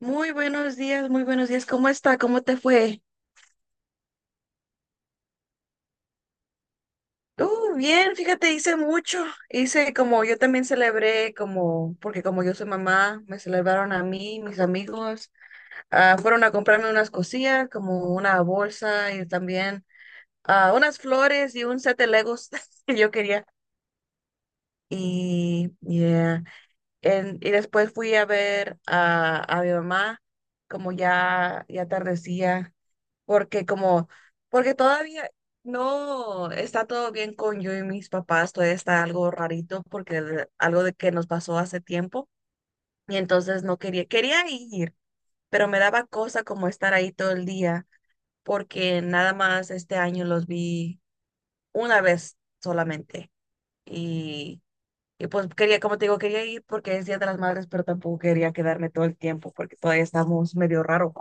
Muy buenos días, muy buenos días. ¿Cómo está? ¿Cómo te fue? Bien, fíjate, hice mucho. Hice como yo también celebré, como, porque como yo soy mamá, me celebraron a mí, mis amigos. Ah, fueron a comprarme unas cosillas, como una bolsa y también unas flores y un set de Legos que yo quería. Yeah. Y después fui a ver a mi mamá, como ya, ya atardecía. porque como, porque todavía no está todo bien con yo y mis papás, todavía está algo rarito porque algo de que nos pasó hace tiempo y entonces no quería ir, pero me daba cosa como estar ahí todo el día porque nada más este año los vi una vez solamente. y, y pues quería, como te digo, quería ir porque es Día de las Madres, pero tampoco quería quedarme todo el tiempo porque todavía estamos medio raro.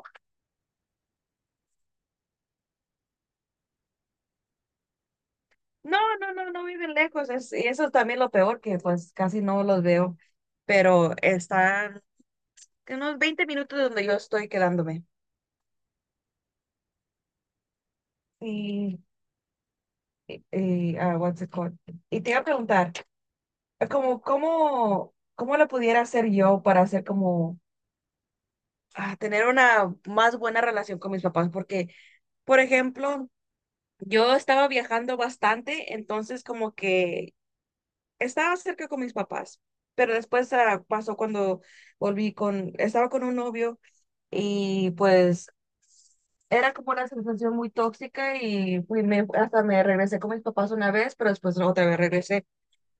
No, no, no, no viven lejos. Es, y eso es también lo peor, que pues casi no los veo. Pero están unos 20 minutos de donde yo estoy quedándome. Y, what's it called? Y te iba a preguntar, como, ¿cómo, cómo lo pudiera hacer yo para hacer como, ah, tener una más buena relación con mis papás? Porque, por ejemplo, yo estaba viajando bastante, entonces como que estaba cerca con mis papás, pero después pasó cuando volví estaba con un novio y pues era como una sensación muy tóxica y fui, me, hasta me regresé con mis papás una vez, pero después no, otra vez regresé.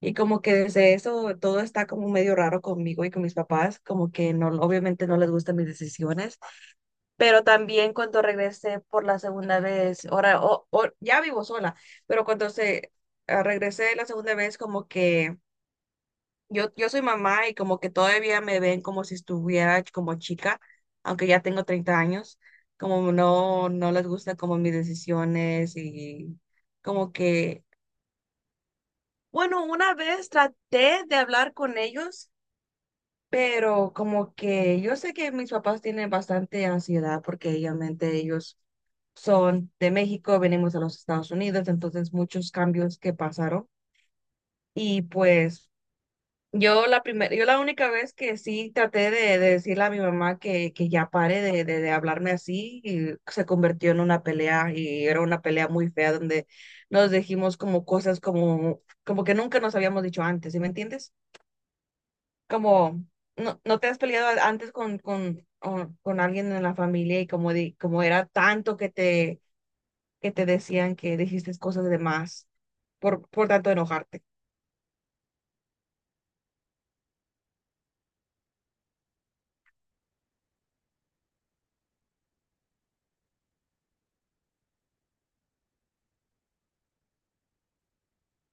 Y como que desde eso todo está como medio raro conmigo y con mis papás, como que no, obviamente no les gustan mis decisiones, pero también cuando regresé por la segunda vez, ahora ya vivo sola, pero regresé la segunda vez como que yo soy mamá y como que todavía me ven como si estuviera como chica, aunque ya tengo 30 años, como no, no les gusta como mis decisiones y como que, bueno, una vez traté de hablar con ellos, pero como que yo sé que mis papás tienen bastante ansiedad porque obviamente ellos son de México, venimos a los Estados Unidos, entonces muchos cambios que pasaron y pues yo la primera, yo la única vez que sí traté de decirle a mi mamá que ya pare de hablarme así, y se convirtió en una pelea y era una pelea muy fea donde nos dijimos como cosas como, como que nunca nos habíamos dicho antes, ¿sí me entiendes? Como, no, no te has peleado antes con alguien en la familia y como, como era tanto que te decían que dijiste cosas de más por tanto enojarte.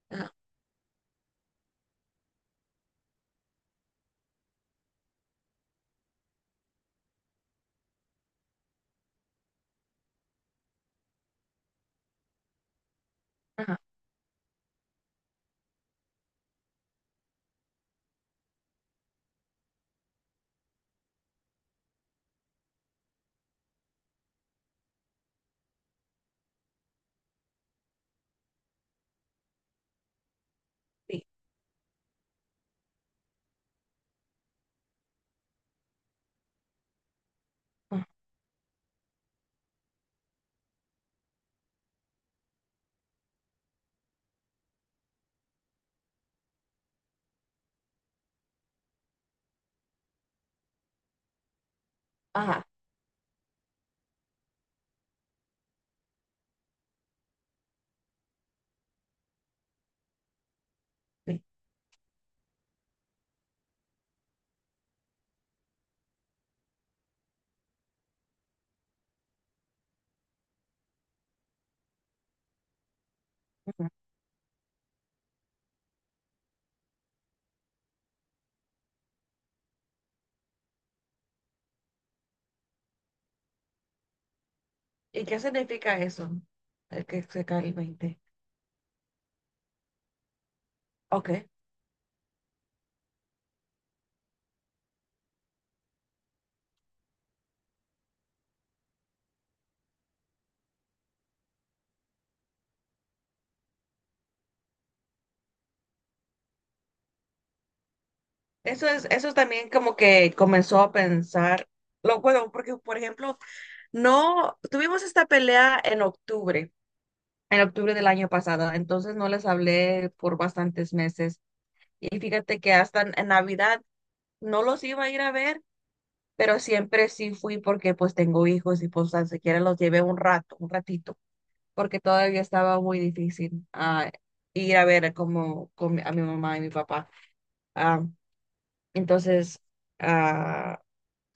Ajá, ajá, sí, ajá, ajá, sí. ¿Y qué significa eso? El que se cae el 20. Ok. Eso es, eso también como que comenzó a pensar, lo bueno, porque por ejemplo, no, tuvimos esta pelea en octubre del año pasado, entonces no les hablé por bastantes meses. Y fíjate que hasta en Navidad no los iba a ir a ver, pero siempre sí fui porque pues tengo hijos y pues tan siquiera los llevé un rato, un ratito. Porque todavía estaba muy difícil ir a ver como a mi mamá y mi papá. Ah, entonces, ah,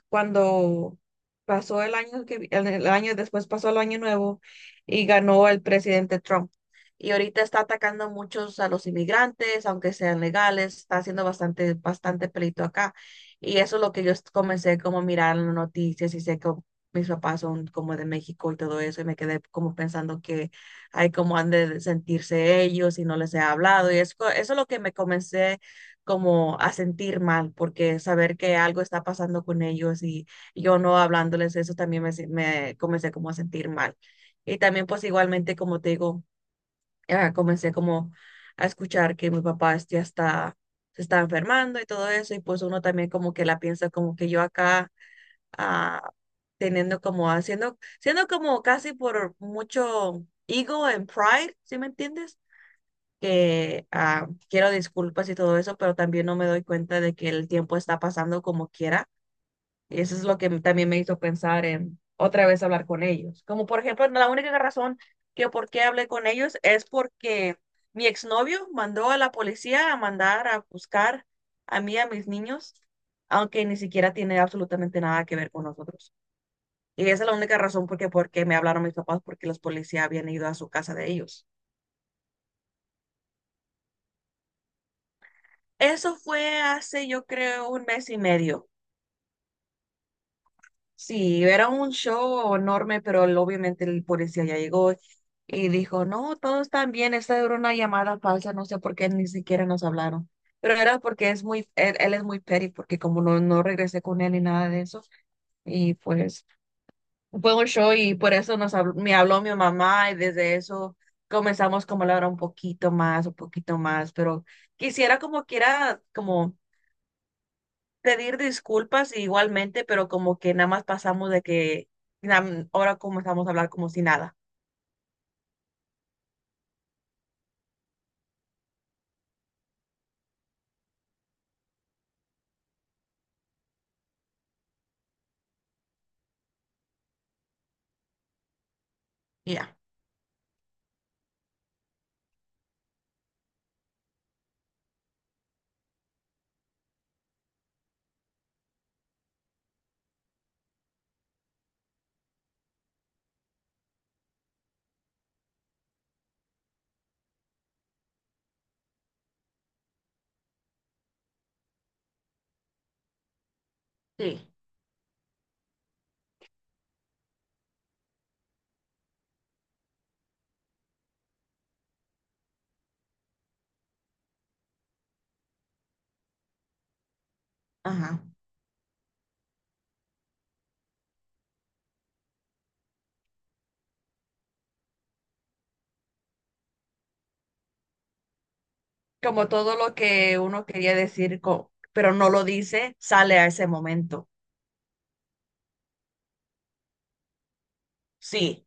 cuando pasó el año el año después pasó el año nuevo y ganó el presidente Trump. Y ahorita está atacando muchos a los inmigrantes, aunque sean legales, está haciendo bastante, bastante pleito acá. Y eso es lo que yo comencé como a mirar en las noticias y sé que mis papás son como de México y todo eso, y me quedé como pensando que hay como han de sentirse ellos y no les he hablado. Y eso es lo que me comencé como a sentir mal, porque saber que algo está pasando con ellos y yo no hablándoles eso también me comencé como a sentir mal. Y también pues igualmente, como te digo, comencé como a escuchar que mi papá este, ya está, se está enfermando y todo eso, y pues uno también como que la piensa como que yo acá, ah, teniendo como, haciendo, siendo como casi por mucho ego and pride, ¿sí me entiendes? Que quiero disculpas y todo eso, pero también no me doy cuenta de que el tiempo está pasando como quiera. Y eso es lo que también me hizo pensar en otra vez hablar con ellos. Como por ejemplo, la única razón que por qué hablé con ellos es porque mi exnovio mandó a la policía a mandar a buscar a mí y a mis niños, aunque ni siquiera tiene absolutamente nada que ver con nosotros. Y esa es la única razón porque, porque me hablaron mis papás, porque los policías habían ido a su casa de ellos. Eso fue hace, yo creo, un mes y medio. Sí, era un show enorme, pero obviamente el policía ya llegó y dijo, no, todos están bien, esta era una llamada falsa, no sé por qué ni siquiera nos hablaron. Pero era porque es muy, él es muy petty, porque como no, no regresé con él ni nada de eso, y pues fue un show y por eso me habló mi mamá y desde eso comenzamos como a hablar un poquito más, pero quisiera como quiera, como pedir disculpas igualmente, pero como que nada más pasamos de que ahora comenzamos a hablar como si nada. Ya, sí, ajá. Como todo lo que uno quería decir, pero no lo dice, sale a ese momento. Sí,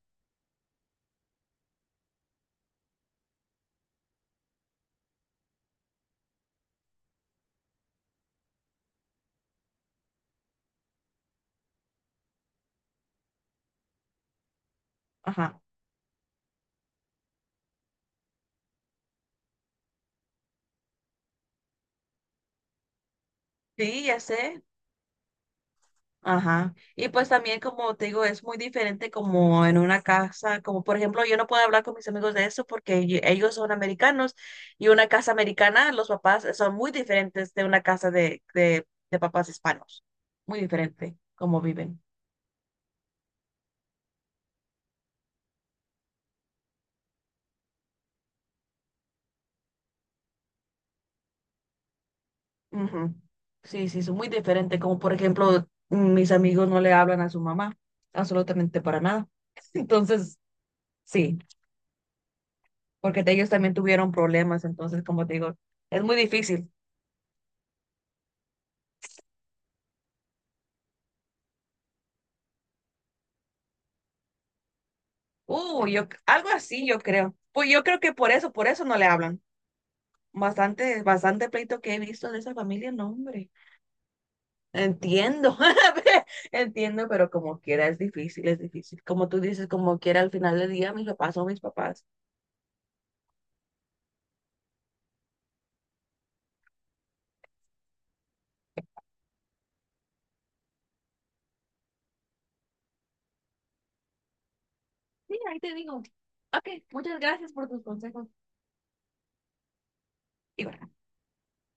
ajá. Sí, ya sé. Ajá. Y pues también, como te digo, es muy diferente como en una casa, como por ejemplo, yo no puedo hablar con mis amigos de eso porque ellos son americanos y una casa americana, los papás son muy diferentes de una casa de papás hispanos. Muy diferente cómo viven. Ujú. Sí, sí, son muy diferentes. Como por ejemplo, mis amigos no le hablan a su mamá, absolutamente para nada. Entonces, sí, porque ellos también tuvieron problemas, entonces, como te digo, es muy difícil. Yo, algo así yo creo. Pues yo creo que por eso no le hablan. Bastante, bastante pleito que he visto de esa familia, no, hombre. Entiendo, entiendo, pero como quiera es difícil, es difícil. Como tú dices, como quiera al final del día, mis papás son mis papás. Sí, ahí te digo. Ok, muchas gracias por tus consejos. Igual.